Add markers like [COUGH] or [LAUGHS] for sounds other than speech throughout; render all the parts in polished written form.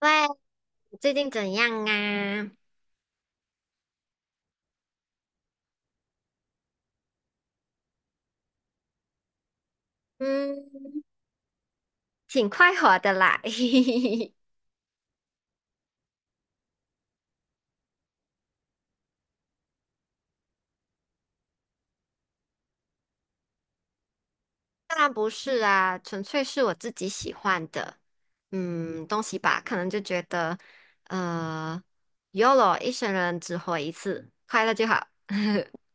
喂，最近怎样啊？嗯，挺快活的啦。[LAUGHS] 当然不是啊，纯粹是我自己喜欢的，东西吧，可能就觉得，呃，YOLO 一生人只活一次，快乐就好。[LAUGHS]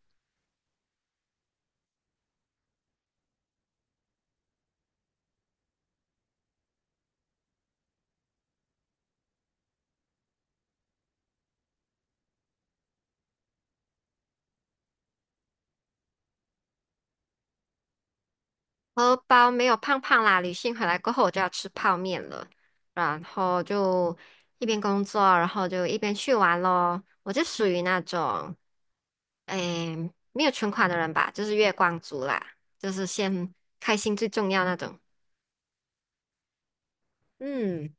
荷包没有胖胖啦，旅行回来过后我就要吃泡面了，然后就一边工作，然后就一边去玩咯。我就属于那种，诶，没有存款的人吧，就是月光族啦，就是先开心最重要那种。嗯，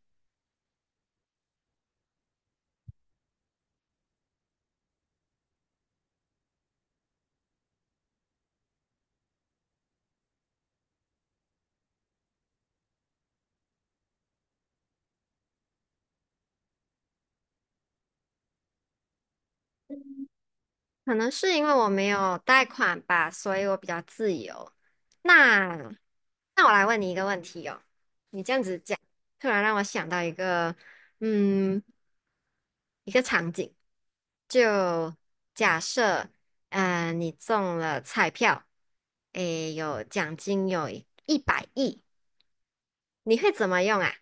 可能是因为我没有贷款吧，所以我比较自由。那那我来问你一个问题哦，你这样子讲，突然让我想到一个。嗯，一个场景，就假设，你中了彩票，诶，有奖金有一百亿，你会怎么用啊？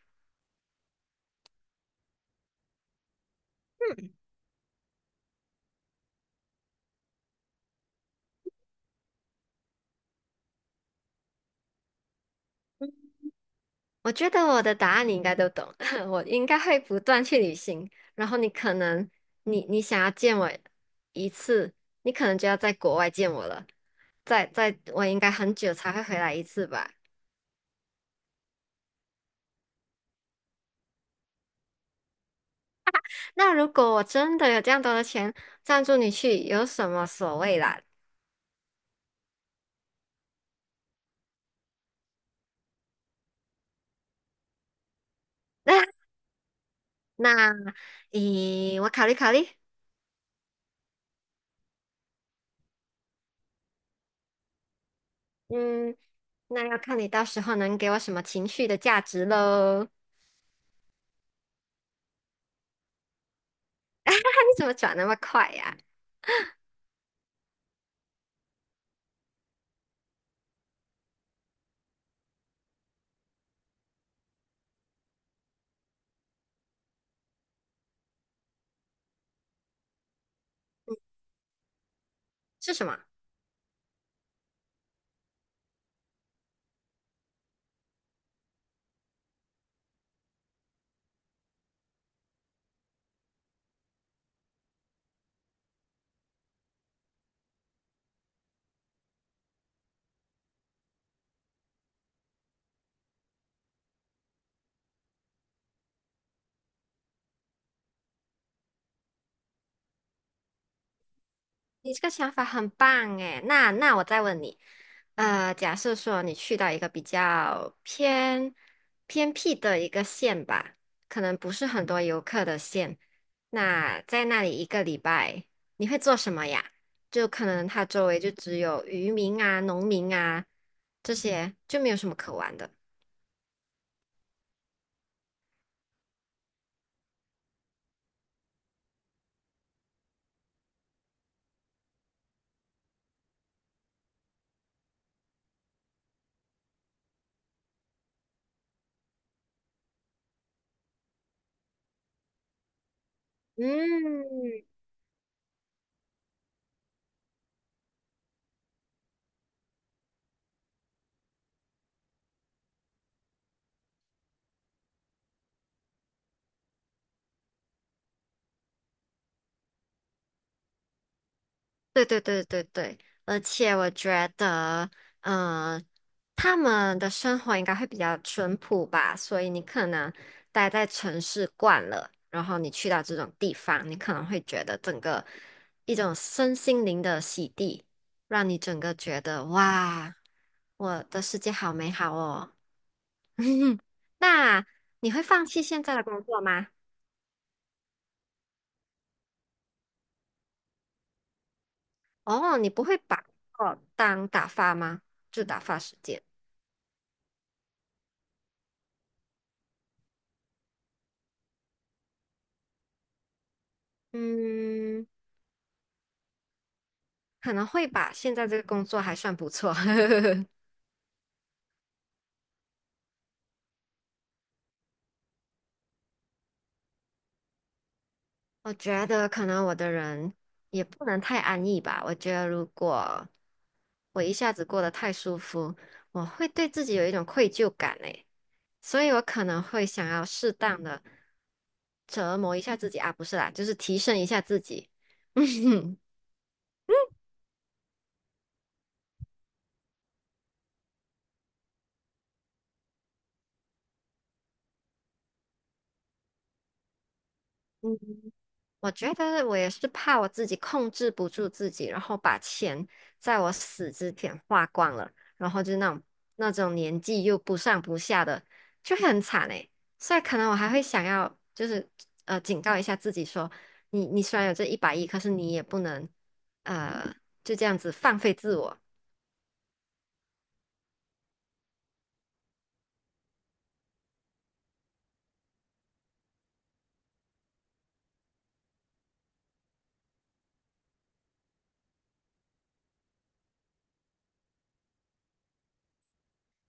我觉得我的答案你应该都懂，[LAUGHS] 我应该会不断去旅行，然后你可能，你想要见我一次，你可能就要在国外见我了，在我应该很久才会回来一次吧。那如果我真的有这样多的钱，赞助你去，有什么所谓啦？[LAUGHS] 那，咦，我考虑考虑，嗯，那要看你到时候能给我什么情绪的价值喽。[LAUGHS] 你怎么转那么快呀、是什么？你这个想法很棒诶，那我再问你，假设说你去到一个比较偏僻的一个县吧，可能不是很多游客的县，那在那里一个礼拜你会做什么呀？就可能它周围就只有渔民啊、农民啊这些，就没有什么可玩的。嗯，对对对对对，而且我觉得，嗯、他们的生活应该会比较淳朴吧，所以你可能待在城市惯了，然后你去到这种地方，你可能会觉得整个一种身心灵的洗涤，让你整个觉得哇，我的世界好美好哦。[LAUGHS] 那你会放弃现在的工作吗？哦，你不会把工作当打发吗？就打发时间。嗯，可能会吧，现在这个工作还算不错。[LAUGHS] 我觉得可能我的人也不能太安逸吧。我觉得如果我一下子过得太舒服，我会对自己有一种愧疚感诶，所以我可能会想要适当的折磨一下自己啊，不是啦，就是提升一下自己。[LAUGHS] 嗯我觉得我也是怕我自己控制不住自己，然后把钱在我死之前花光了，然后就那种年纪又不上不下的，就会很惨诶。所以可能我还会想要，就是警告一下自己说，你虽然有这一百亿，可是你也不能呃就这样子放飞自我。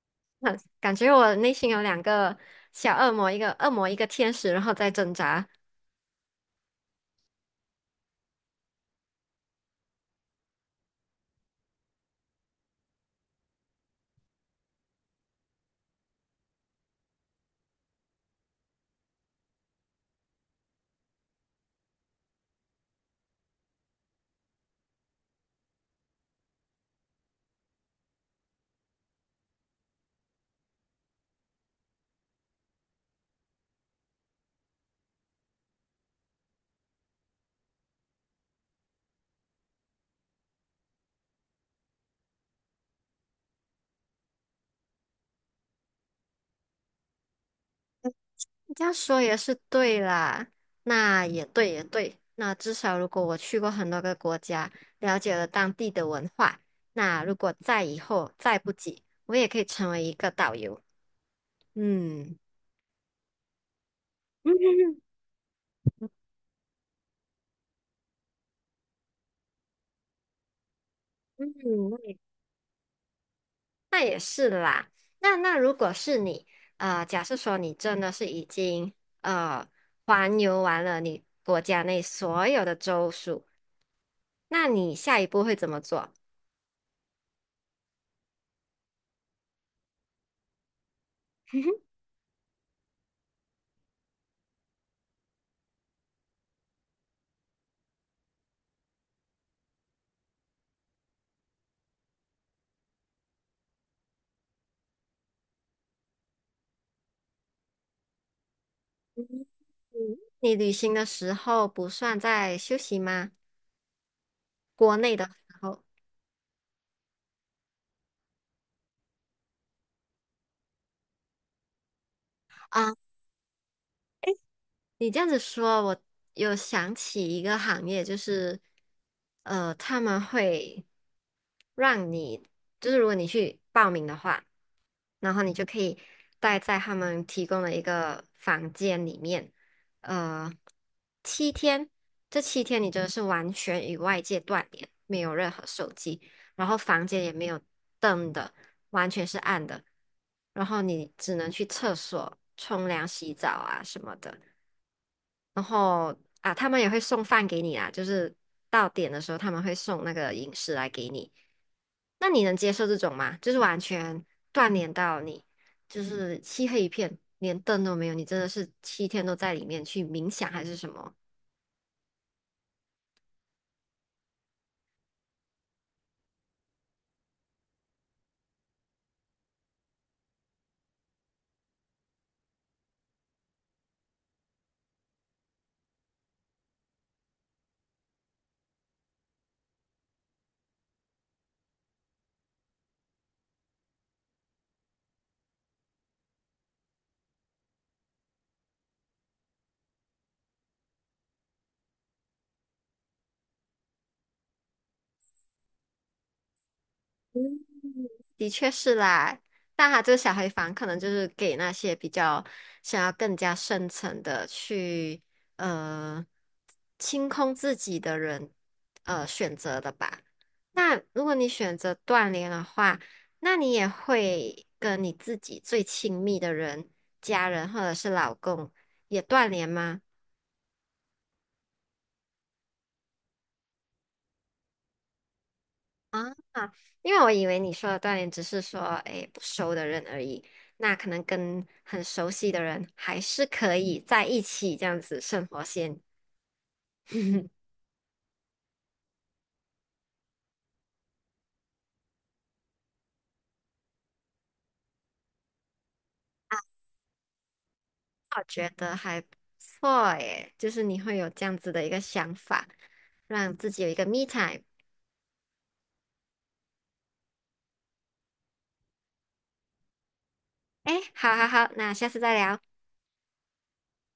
[LAUGHS] 那感觉我内心有两个小恶魔，一个恶魔，一个天使，然后在挣扎。这样说也是对啦，那也对也对。那至少如果我去过很多个国家，了解了当地的文化，那如果再以后再不济，我也可以成为一个导游。嗯 [LAUGHS] 嗯，那也是啦。那如果是你，假设说你真的是已经呃环游完了你国家内所有的州属，那你下一步会怎么做？你旅行的时候不算在休息吗？国内的时候啊，你这样子说，我有想起一个行业，就是他们会让你，就是如果你去报名的话，然后你就可以待在他们提供的一个房间里面，呃，七天，这七天你真的是完全与外界断联，没有任何手机。然后房间也没有灯的，完全是暗的，然后你只能去厕所冲凉、洗澡啊什么的。然后啊，他们也会送饭给你啊，就是到点的时候他们会送那个饮食来给你。那你能接受这种吗？就是完全断联到你，就是漆黑一片，连灯都没有，你真的是七天都在里面去冥想还是什么？的确是啦，但他这个小黑房可能就是给那些比较想要更加深层的去呃清空自己的人选择的吧。那如果你选择断联的话，那你也会跟你自己最亲密的人、家人或者是老公也断联吗？啊，因为我以为你说的锻炼只是说，哎，不熟的人而已，那可能跟很熟悉的人还是可以在一起这样子生活先。[LAUGHS] 我觉得还不错耶，就是你会有这样子的一个想法，让自己有一个 me time。哎，好好好，那下次再聊。